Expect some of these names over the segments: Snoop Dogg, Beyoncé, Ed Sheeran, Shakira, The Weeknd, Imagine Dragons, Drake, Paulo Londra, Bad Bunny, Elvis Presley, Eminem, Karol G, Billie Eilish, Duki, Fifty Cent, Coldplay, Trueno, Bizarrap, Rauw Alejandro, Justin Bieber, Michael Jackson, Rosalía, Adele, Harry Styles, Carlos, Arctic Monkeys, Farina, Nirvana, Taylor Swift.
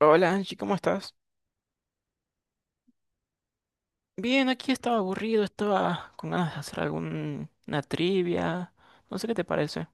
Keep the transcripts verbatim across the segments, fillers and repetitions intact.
Hola Angie, ¿cómo estás? Bien, aquí estaba aburrido, estaba con ganas de hacer alguna trivia. No sé qué te parece.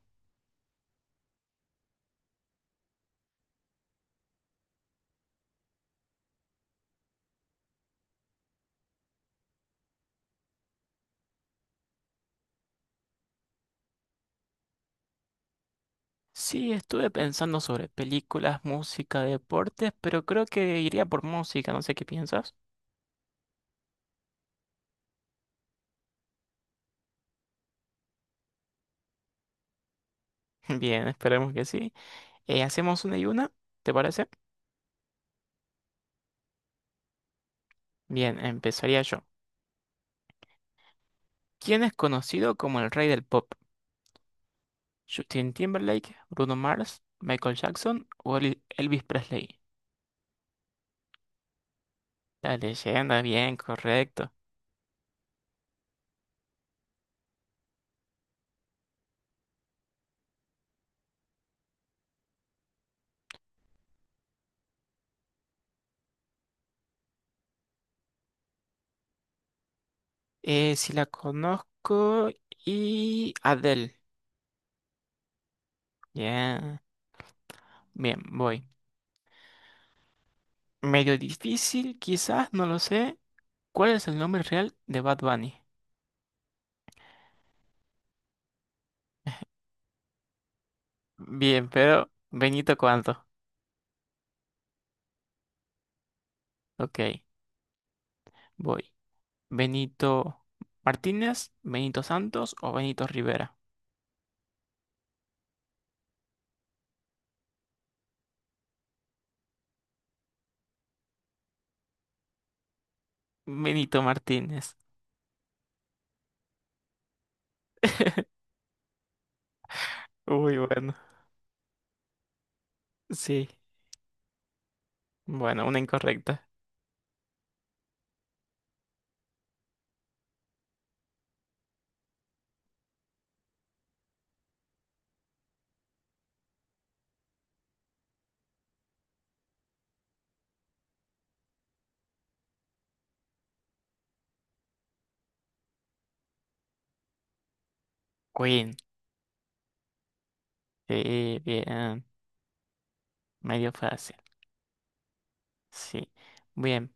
Sí, estuve pensando sobre películas, música, deportes, pero creo que iría por música, no sé qué piensas. Bien, esperemos que sí. Eh, hacemos una y una, ¿te parece? Bien, empezaría yo. ¿Quién es conocido como el rey del pop? ¿Justin Timberlake, Bruno Mars, Michael Jackson o Elvis Presley? La leyenda, bien, correcto. Eh, si la conozco y Adele. Ya. Bien, voy. Medio difícil, quizás, no lo sé. ¿Cuál es el nombre real de Bad Bunny? Bien, pero Benito, ¿cuánto? Ok, voy. ¿Benito Martínez, Benito Santos o Benito Rivera? Benito Martínez. Uy, bueno. Sí. Bueno, una incorrecta. Queen. Sí, bien. Medio fácil. Sí. Bien.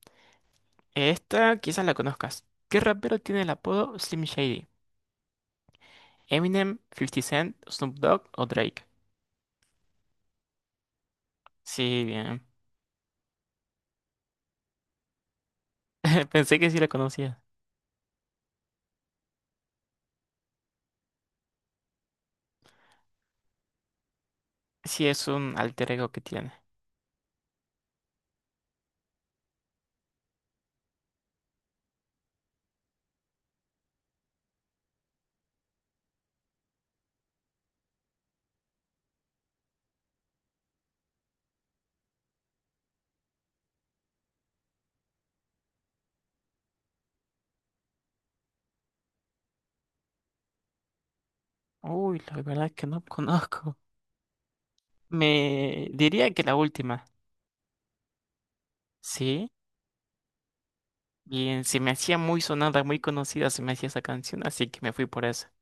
Esta quizás la conozcas. ¿Qué rapero tiene el apodo Slim Shady? ¿Eminem, Fifty Cent, Snoop Dogg o Drake? Sí, bien. Pensé que sí la conocía. Sí, es un alter ego que tiene. Uy, la verdad es que no conozco. Me diría que la última. Sí, bien, se me hacía muy sonada, muy conocida, se me hacía esa canción, así que me fui por esa.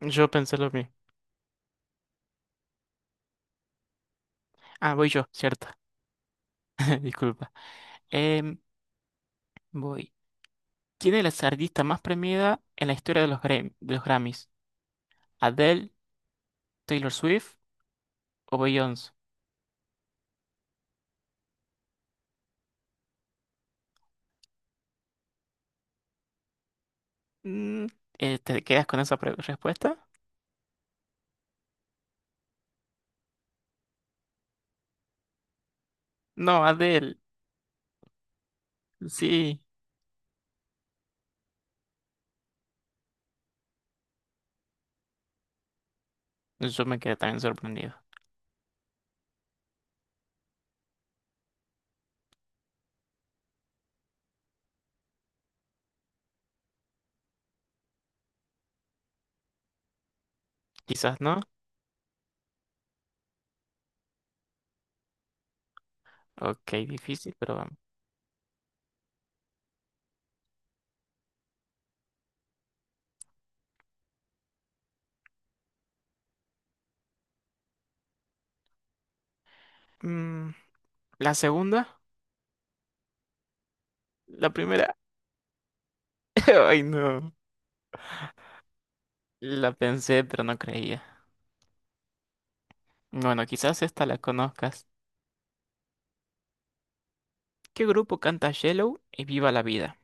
Yo pensé lo mismo. Ah, voy yo, cierto. Disculpa. Em, Voy. ¿Quién es la artista más premiada en la historia de los, Gram- de los Grammys? ¿Adele, Taylor Swift o Beyoncé? Mm, eh, ¿Te quedas con esa pre- respuesta? No, Adele. Sí, yo me quedé también sorprendido. Quizás no. Ok, difícil, pero vamos. Mm, ¿la segunda? ¿La primera? Ay, no. La pensé, pero no creía. Bueno, quizás esta la conozcas. ¿Qué grupo canta Yellow y Viva la Vida?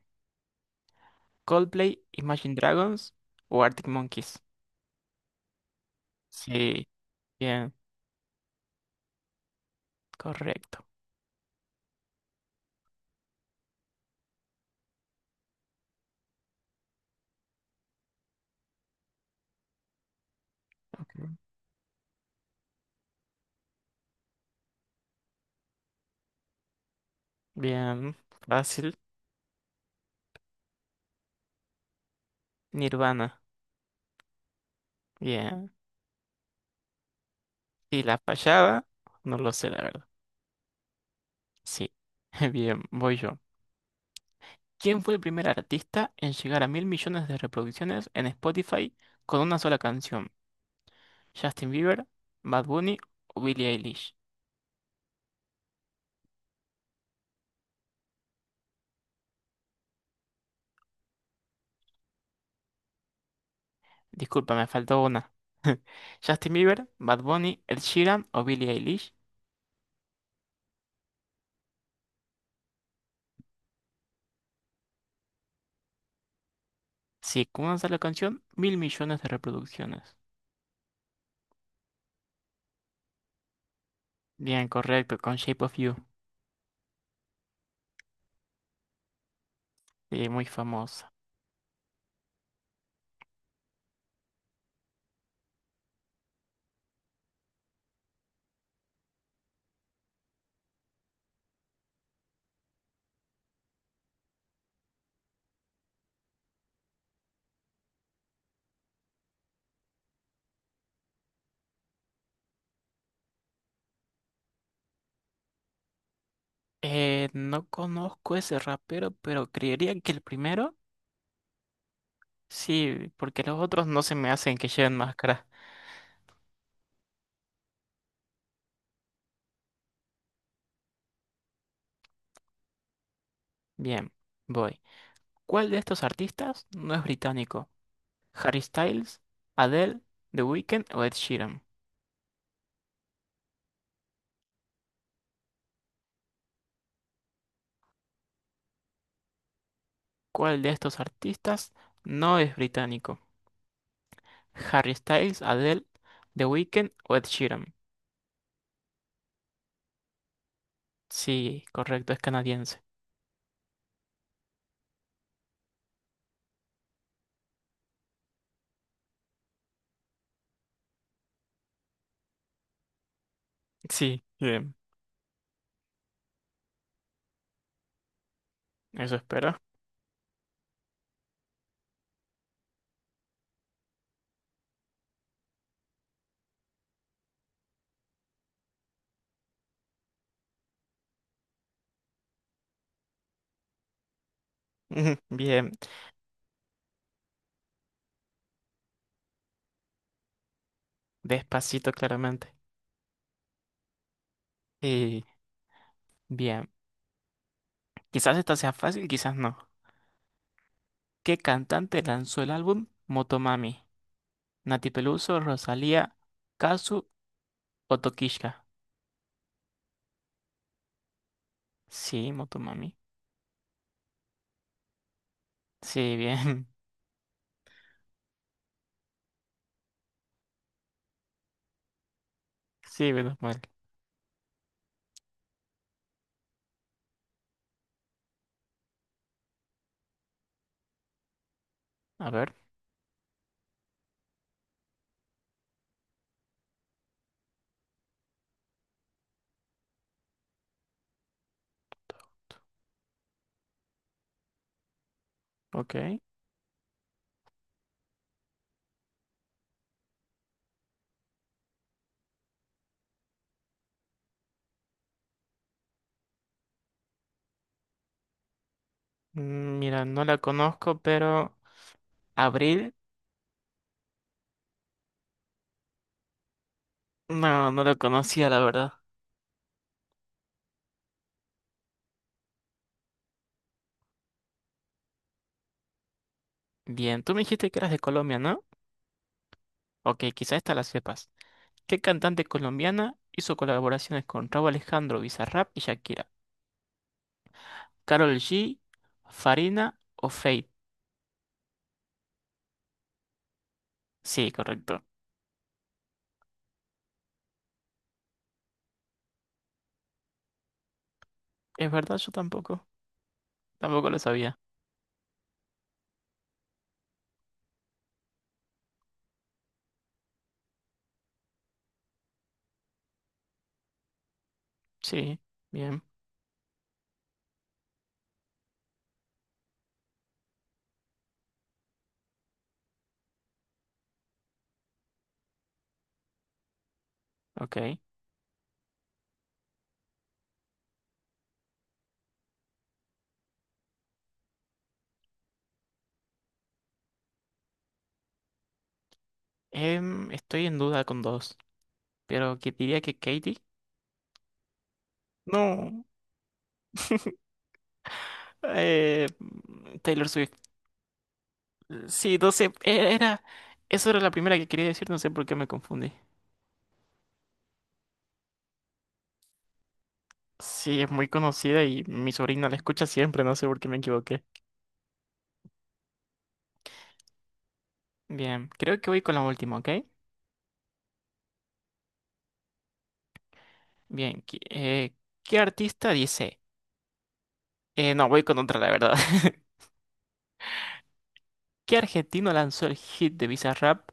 ¿Coldplay, Imagine Dragons o Arctic Monkeys? Sí, bien, correcto. Ok. Bien, fácil. Nirvana. Bien. Si la fallaba, no lo sé, la verdad. Sí. Bien, voy yo. ¿Quién fue el primer artista en llegar a mil millones de reproducciones en Spotify con una sola canción? ¿Justin Bieber, Bad Bunny o Billie Eilish? Disculpa, me faltó una. ¿Justin Bieber, Bad Bunny, Ed Sheeran o Billie Eilish? Sí, con una sola canción, mil millones de reproducciones. Bien, correcto, con Shape of You. Sí, muy famosa. Eh, no conozco ese rapero, pero creería que el primero. Sí, porque los otros no se me hacen que lleven máscara. Bien, voy. ¿Cuál de estos artistas no es británico? ¿Harry Styles, Adele, The Weeknd o Ed Sheeran? ¿Cuál de estos artistas no es británico? ¿Harry Styles, Adele, The Weeknd o Ed Sheeran? Sí, correcto, es canadiense. Sí, bien, eso espero. Bien, despacito claramente. Y bien, quizás esta sea fácil, quizás no. ¿Qué cantante lanzó el álbum Motomami? Nati Peluso, Rosalía, Kazu o Tokishka. Sí, Motomami. Sí, bien. Sí, menos mal. A ver, ok. Mm, mira, no la conozco, pero... Abril, no, no la conocía, la verdad. Bien, tú me dijiste que eras de Colombia, ¿no? Ok, quizá esta la sepas. ¿Qué cantante colombiana hizo colaboraciones con Rauw Alejandro, Bizarrap y Shakira? ¿Karol G, Farina o Fate? Sí, correcto. Es verdad, yo tampoco. Tampoco lo sabía. Sí, bien, ok. Em, estoy en duda con dos, pero que diría que Katie. No, eh, Taylor Swift. Sí, no sé, e- era, eso era la primera que quería decir, no sé por qué me confundí. Sí, es muy conocida y mi sobrina la escucha siempre, no sé por qué me equivoqué. Bien, creo que voy con la última, ¿ok? Bien, ¿qué, eh, ¿qué artista dice? Eh, no, voy con otra, la verdad. ¿Qué argentino lanzó el hit de Bizarrap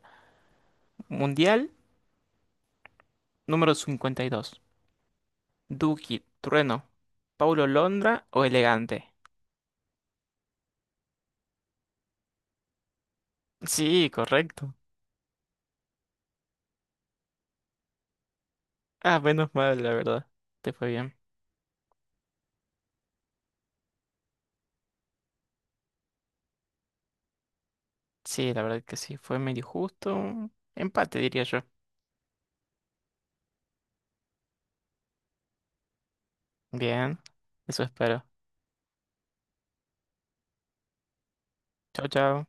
Mundial número cincuenta y dos? Duki, Trueno, Paulo Londra o Elegante. Sí, correcto. Ah, menos mal, la verdad. Te fue bien. Sí, la verdad que sí, fue medio justo. Empate, diría yo. Bien, eso espero. Chao, chao.